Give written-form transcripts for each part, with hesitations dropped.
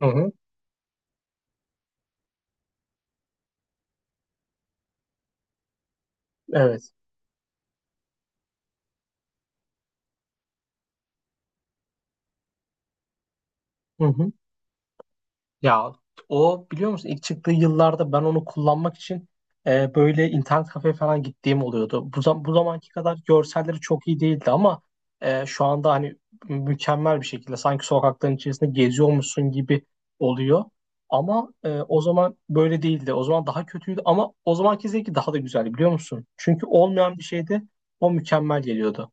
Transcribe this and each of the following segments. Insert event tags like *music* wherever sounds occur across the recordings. Hı hı, evet. Hı hı. Ya o biliyor musun ilk çıktığı yıllarda ben onu kullanmak için böyle internet kafe falan gittiğim oluyordu. Bu zamanki kadar görselleri çok iyi değildi ama şu anda hani mükemmel bir şekilde sanki sokakların içerisinde geziyormuşsun gibi oluyor. Ama o zaman böyle değildi. O zaman daha kötüydü ama o zamanki zevki daha da güzeldi biliyor musun? Çünkü olmayan bir şeyde o mükemmel geliyordu.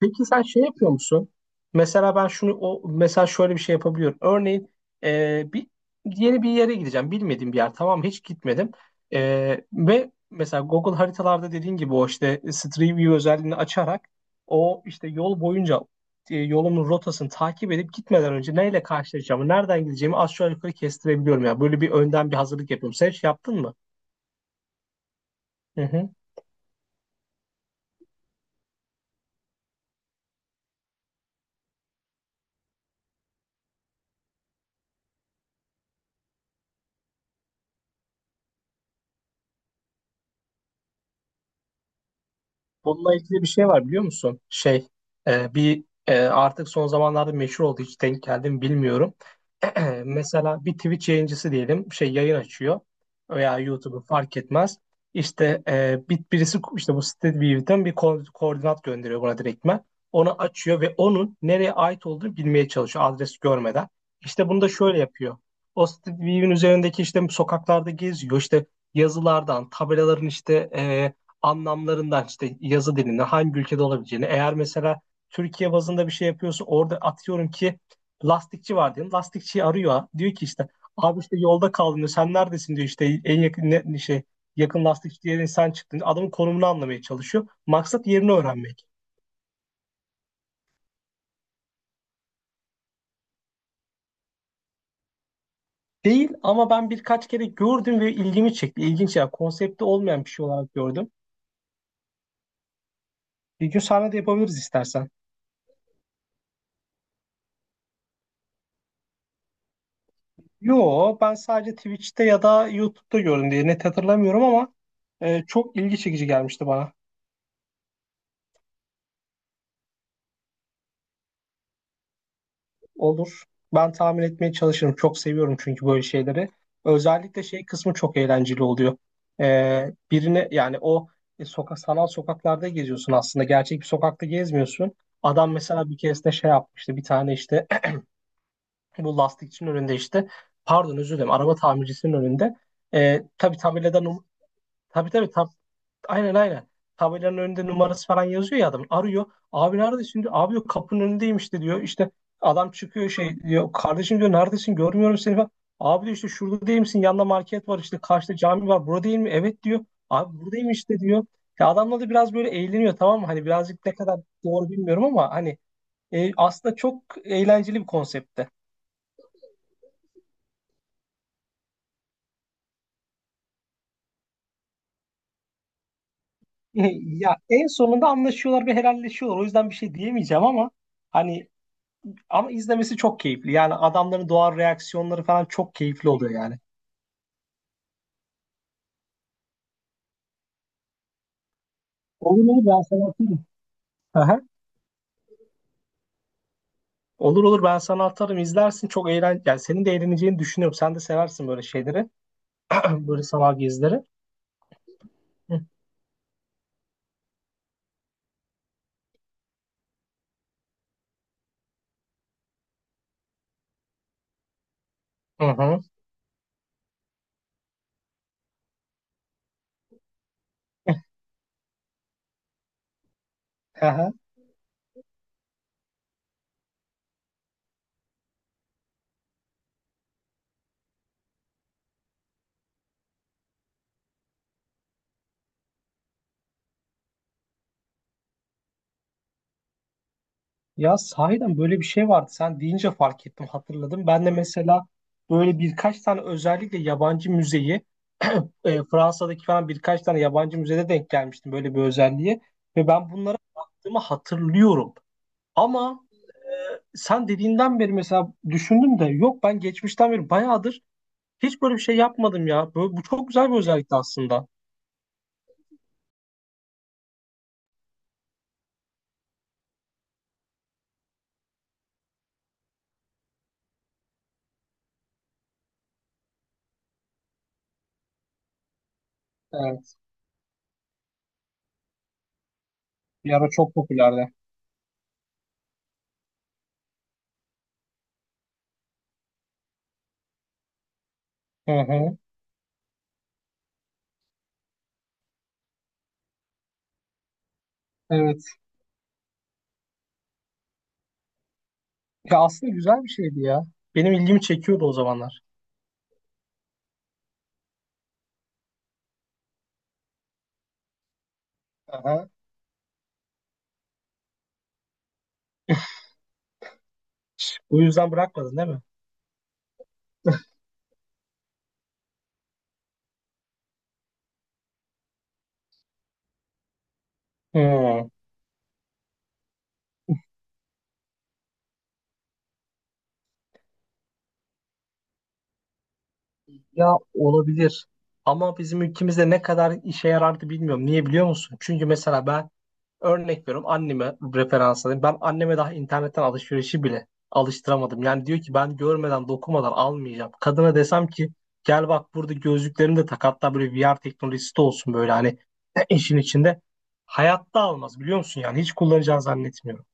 Peki sen şey yapıyor musun? Mesela ben şunu o mesela şöyle bir şey yapabiliyorum. Örneğin e, bir yeni bir yere gideceğim. Bilmediğim bir yer. Tamam mı? Hiç gitmedim. E, Ve mesela Google haritalarda dediğin gibi o işte Street View özelliğini açarak o işte yol boyunca yolumun rotasını takip edip gitmeden önce neyle karşılaşacağımı, nereden gideceğimi aşağı yukarı kestirebiliyorum ya. Böyle bir önden bir hazırlık yapıyorum. Sen hiç yaptın mı? Hı hı. Bununla ilgili bir şey var biliyor musun? Artık son zamanlarda meşhur oldu hiç denk geldim bilmiyorum. *clears throat* Mesela bir Twitch yayıncısı diyelim şey yayın açıyor veya YouTube'u fark etmez. İşte birisi işte bu StreetView'den bir koordinat gönderiyor buna direktmen. Onu açıyor ve onun nereye ait olduğunu bilmeye çalışıyor adres görmeden. İşte bunu da şöyle yapıyor. O StreetView'in üzerindeki işte sokaklarda geziyor işte yazılardan, tabelaların işte anlamlarından işte yazı dilinde hangi ülkede olabileceğini. Eğer mesela Türkiye bazında bir şey yapıyorsa orada atıyorum ki lastikçi var diyelim. Lastikçiyi arıyor. Diyor ki işte abi işte yolda kaldım diyor. Sen neredesin diyor işte en yakın ne, şey yakın lastikçi diye sen çıktın. Adamın konumunu anlamaya çalışıyor. Maksat yerini öğrenmek. Değil ama ben birkaç kere gördüm ve ilgimi çekti. İlginç ya. Konsepti olmayan bir şey olarak gördüm. Bir gün sahne de yapabiliriz istersen. Yo, ben sadece Twitch'te ya da YouTube'da gördüm diye net hatırlamıyorum ama çok ilgi çekici gelmişti bana. Olur. Ben tahmin etmeye çalışırım. Çok seviyorum çünkü böyle şeyleri. Özellikle şey kısmı çok eğlenceli oluyor. E, birine yani o e, sokak sanal sokaklarda geziyorsun aslında. Gerçek bir sokakta gezmiyorsun. Adam mesela bir keresinde şey yapmıştı. Bir tane işte *clears throat* bu lastikçinin önünde işte pardon özür dilerim araba tamircisinin önünde. Tabii tabii Aynen aynen. Tabelanın önünde numarası falan yazıyor ya adam. Arıyor. Abi neredesin diyor. Abi yok kapının önündeymiş de diyor. İşte adam çıkıyor şey diyor. Kardeşim diyor neredesin görmüyorum seni falan. Abi diyor işte şurada değil misin? Yanında market var işte karşıda cami var. Burada değil mi? Evet diyor. Abi buradayım işte diyor. Ya adamla da biraz böyle eğleniyor tamam mı? Hani birazcık ne kadar doğru bilmiyorum ama hani aslında çok eğlenceli bir konseptte. *laughs* Ya en sonunda anlaşıyorlar ve helalleşiyorlar. O yüzden bir şey diyemeyeceğim ama hani ama izlemesi çok keyifli. Yani adamların doğal reaksiyonları falan çok keyifli oluyor yani. Olur olur ben sana atarım. Aha. Olur olur ben sana atarım izlersin çok eğlen yani senin de eğleneceğini düşünüyorum. Sen de seversin böyle şeyleri. *clears throat* Böyle sanal gezileri. Hı hı. Aha. Ya sahiden böyle bir şey vardı. Sen deyince fark ettim, hatırladım. Ben de mesela böyle birkaç tane özellikle yabancı müzeyi *clears throat* Fransa'daki falan birkaç tane yabancı müzede denk gelmiştim böyle bir özelliğe ve ben bunlara baktığımı hatırlıyorum. Ama sen dediğinden beri mesela düşündüm de yok ben geçmişten beri bayağıdır hiç böyle bir şey yapmadım ya. Bu çok güzel bir özellikti aslında. Evet. Bir ara çok popülerdi. Hı hı. Evet. Ya aslında güzel bir şeydi ya. Benim ilgimi çekiyordu o zamanlar. Aha. Bu yüzden bırakmadın değil mi? Hı. Ya olabilir. Ama bizim ülkemizde ne kadar işe yarardı bilmiyorum. Niye biliyor musun? Çünkü mesela ben örnek veriyorum anneme referans alayım. Ben anneme daha internetten alışverişi bile alıştıramadım. Yani diyor ki ben görmeden dokunmadan almayacağım. Kadına desem ki gel bak burada gözlüklerini de tak hatta böyle VR teknolojisi de olsun böyle hani *clears throat* *laughs* işin içinde. Hayatta almaz biliyor musun yani hiç kullanacağını zannetmiyorum.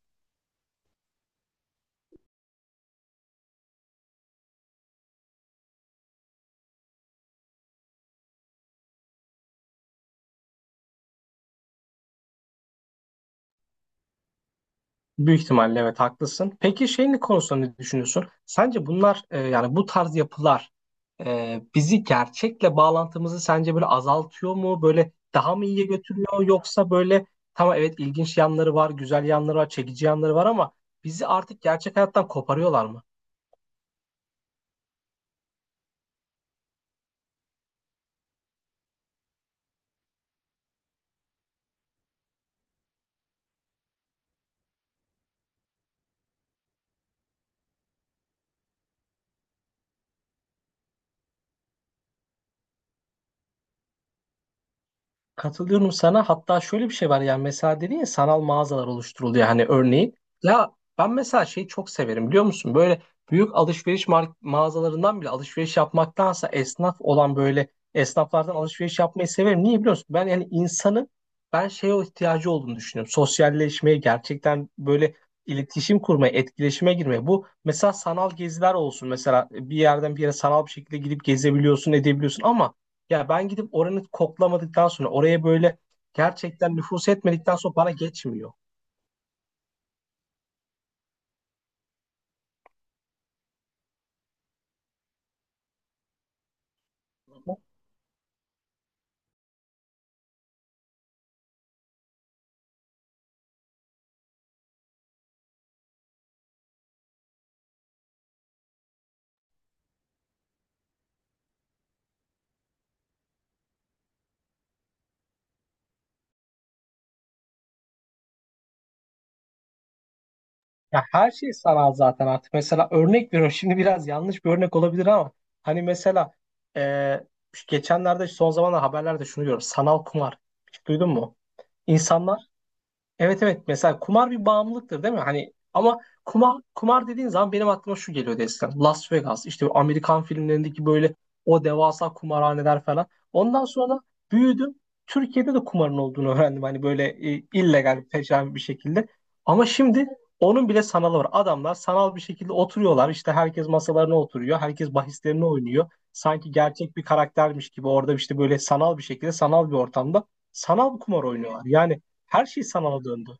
Büyük ihtimalle evet haklısın. Peki şeyin konusunda ne düşünüyorsun? Sence bunlar yani bu tarz yapılar bizi gerçekle bağlantımızı sence böyle azaltıyor mu? Böyle daha mı iyiye götürüyor yoksa böyle tamam evet ilginç yanları var, güzel yanları var, çekici yanları var ama bizi artık gerçek hayattan koparıyorlar mı? Katılıyorum sana. Hatta şöyle bir şey var yani mesela dedin ya sanal mağazalar oluşturuluyor hani örneğin. Ya ben mesela şeyi çok severim biliyor musun? Böyle büyük alışveriş mağazalarından bile alışveriş yapmaktansa esnaf olan böyle esnaflardan alışveriş yapmayı severim. Niye biliyor musun? Ben yani insanın ben şeye o ihtiyacı olduğunu düşünüyorum. Sosyalleşmeye gerçekten böyle iletişim kurmaya, etkileşime girmeye. Bu mesela sanal geziler olsun. Mesela bir yerden bir yere sanal bir şekilde gidip gezebiliyorsun, edebiliyorsun ama ya ben gidip oranı koklamadıktan sonra oraya böyle gerçekten nüfus etmedikten sonra bana geçmiyor. Ya her şey sanal zaten artık. Mesela örnek veriyorum şimdi biraz yanlış bir örnek olabilir ama hani mesela e, şu geçenlerde son zamanlarda haberlerde şunu görüyorum. Sanal kumar. Hiç duydun mu? İnsanlar evet evet mesela kumar bir bağımlılıktır değil mi? Hani ama kumar kumar dediğin zaman benim aklıma şu geliyor Destan. Las Vegas işte bu Amerikan filmlerindeki böyle o devasa kumarhaneler falan. Ondan sonra büyüdüm. Türkiye'de de kumarın olduğunu öğrendim. Hani böyle illegal peşin bir şekilde. Ama şimdi onun bile sanalı var. Adamlar sanal bir şekilde oturuyorlar. İşte herkes masalarına oturuyor. Herkes bahislerini oynuyor. Sanki gerçek bir karaktermiş gibi orada işte böyle sanal bir şekilde sanal bir ortamda sanal bir kumar oynuyorlar. Yani her şey sanala döndü.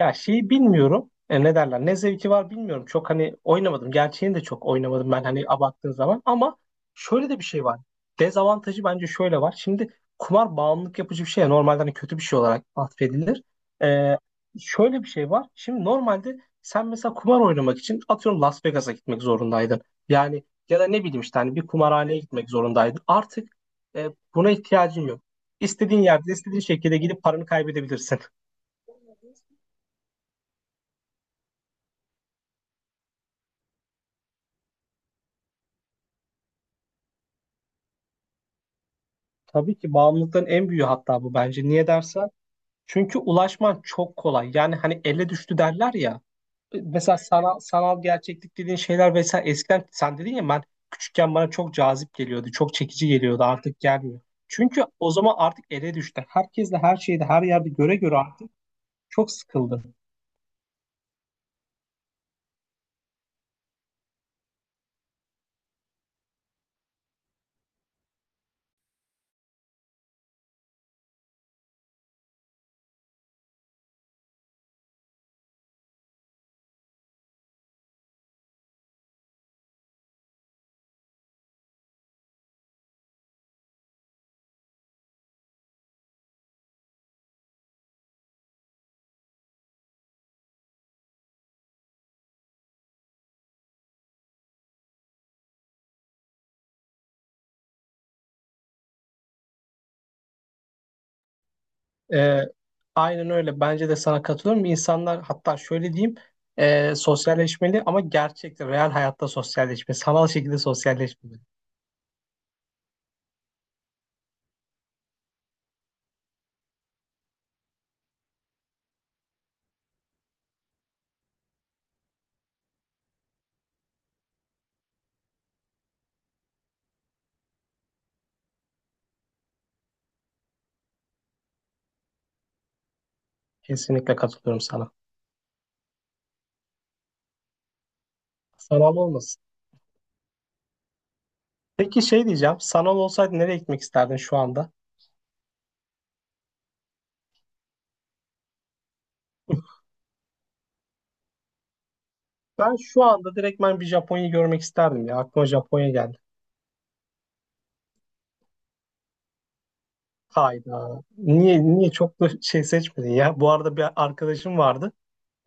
Ya şeyi bilmiyorum. Ne derler? Ne zevki var bilmiyorum. Çok hani oynamadım. Gerçeğini de çok oynamadım ben hani abarttığın zaman. Ama şöyle de bir şey var. Dezavantajı bence şöyle var. Şimdi kumar bağımlılık yapıcı bir şey ya, normalde hani kötü bir şey olarak atfedilir. E, Şöyle bir şey var. Şimdi normalde sen mesela kumar oynamak için atıyorum Las Vegas'a gitmek zorundaydın. Yani ya da ne bileyim işte hani bir kumarhaneye gitmek zorundaydın. Artık e, buna ihtiyacın yok. İstediğin yerde, istediğin şekilde gidip paranı kaybedebilirsin. Tabii ki bağımlılıkların en büyüğü hatta bu bence. Niye dersen? Çünkü ulaşman çok kolay. Yani hani elle düştü derler ya. Mesela sanal gerçeklik dediğin şeyler vesaire eskiden sen dedin ya ben küçükken bana çok cazip geliyordu. Çok çekici geliyordu. Artık gelmiyor. Çünkü o zaman artık ele düştü. Herkesle her şeyde her yerde göre göre artık çok sıkıldım. Ee, aynen öyle. Bence de sana katılıyorum. İnsanlar hatta şöyle diyeyim. Sosyalleşmeli ama gerçekte, real hayatta sosyalleşme. Sanal şekilde sosyalleşme. Kesinlikle katılıyorum sana. Sanal olmasın. Peki şey diyeceğim. Sanal olsaydı nereye gitmek isterdin şu anda? Ben şu anda direktmen bir Japonya'yı görmek isterdim ya. Aklıma Japonya geldi. Hayda. Niye niye çok da şey seçmedin ya? Bu arada bir arkadaşım vardı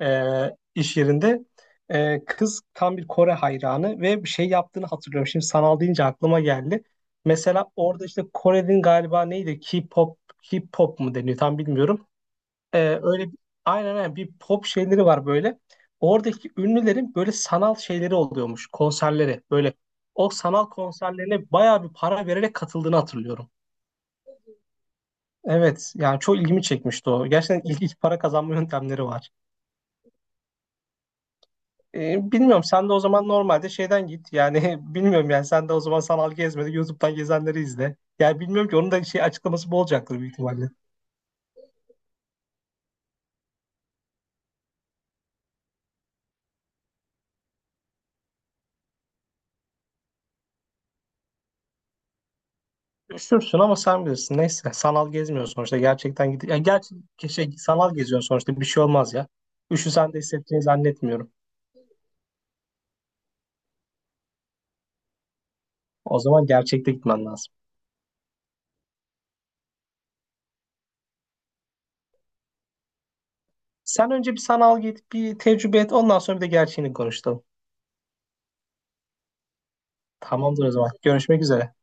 iş yerinde. Kız tam bir Kore hayranı ve bir şey yaptığını hatırlıyorum. Şimdi sanal deyince aklıma geldi. Mesela orada işte Kore'nin galiba neydi? K-pop, K-pop mu deniyor tam bilmiyorum. Ee, öyle bir- aynen aynen bir pop şeyleri var böyle. Oradaki ünlülerin böyle sanal şeyleri oluyormuş konserleri. Böyle o sanal konserlerine bayağı bir para vererek katıldığını hatırlıyorum. Evet yani çok ilgimi çekmişti o. Gerçekten ilginç para kazanma yöntemleri var. Bilmiyorum sen de o zaman normalde şeyden git. Yani *laughs* bilmiyorum yani sen de o zaman sanal gezmedi. YouTube'dan gezenleri izle. Yani bilmiyorum ki onun da şey açıklaması bu olacaktır büyük ihtimalle. Üşürsün ama sen bilirsin. Neyse sanal gezmiyorsun sonuçta. Gerçekten gidip ya gerçi şey, sanal geziyorsun sonuçta bir şey olmaz ya. Üşüsen de hissettiğini zannetmiyorum. O zaman gerçekte gitmen lazım. Sen önce bir sanal git, bir tecrübe et. Ondan sonra bir de gerçeğini konuşalım. Tamamdır o zaman. Görüşmek üzere.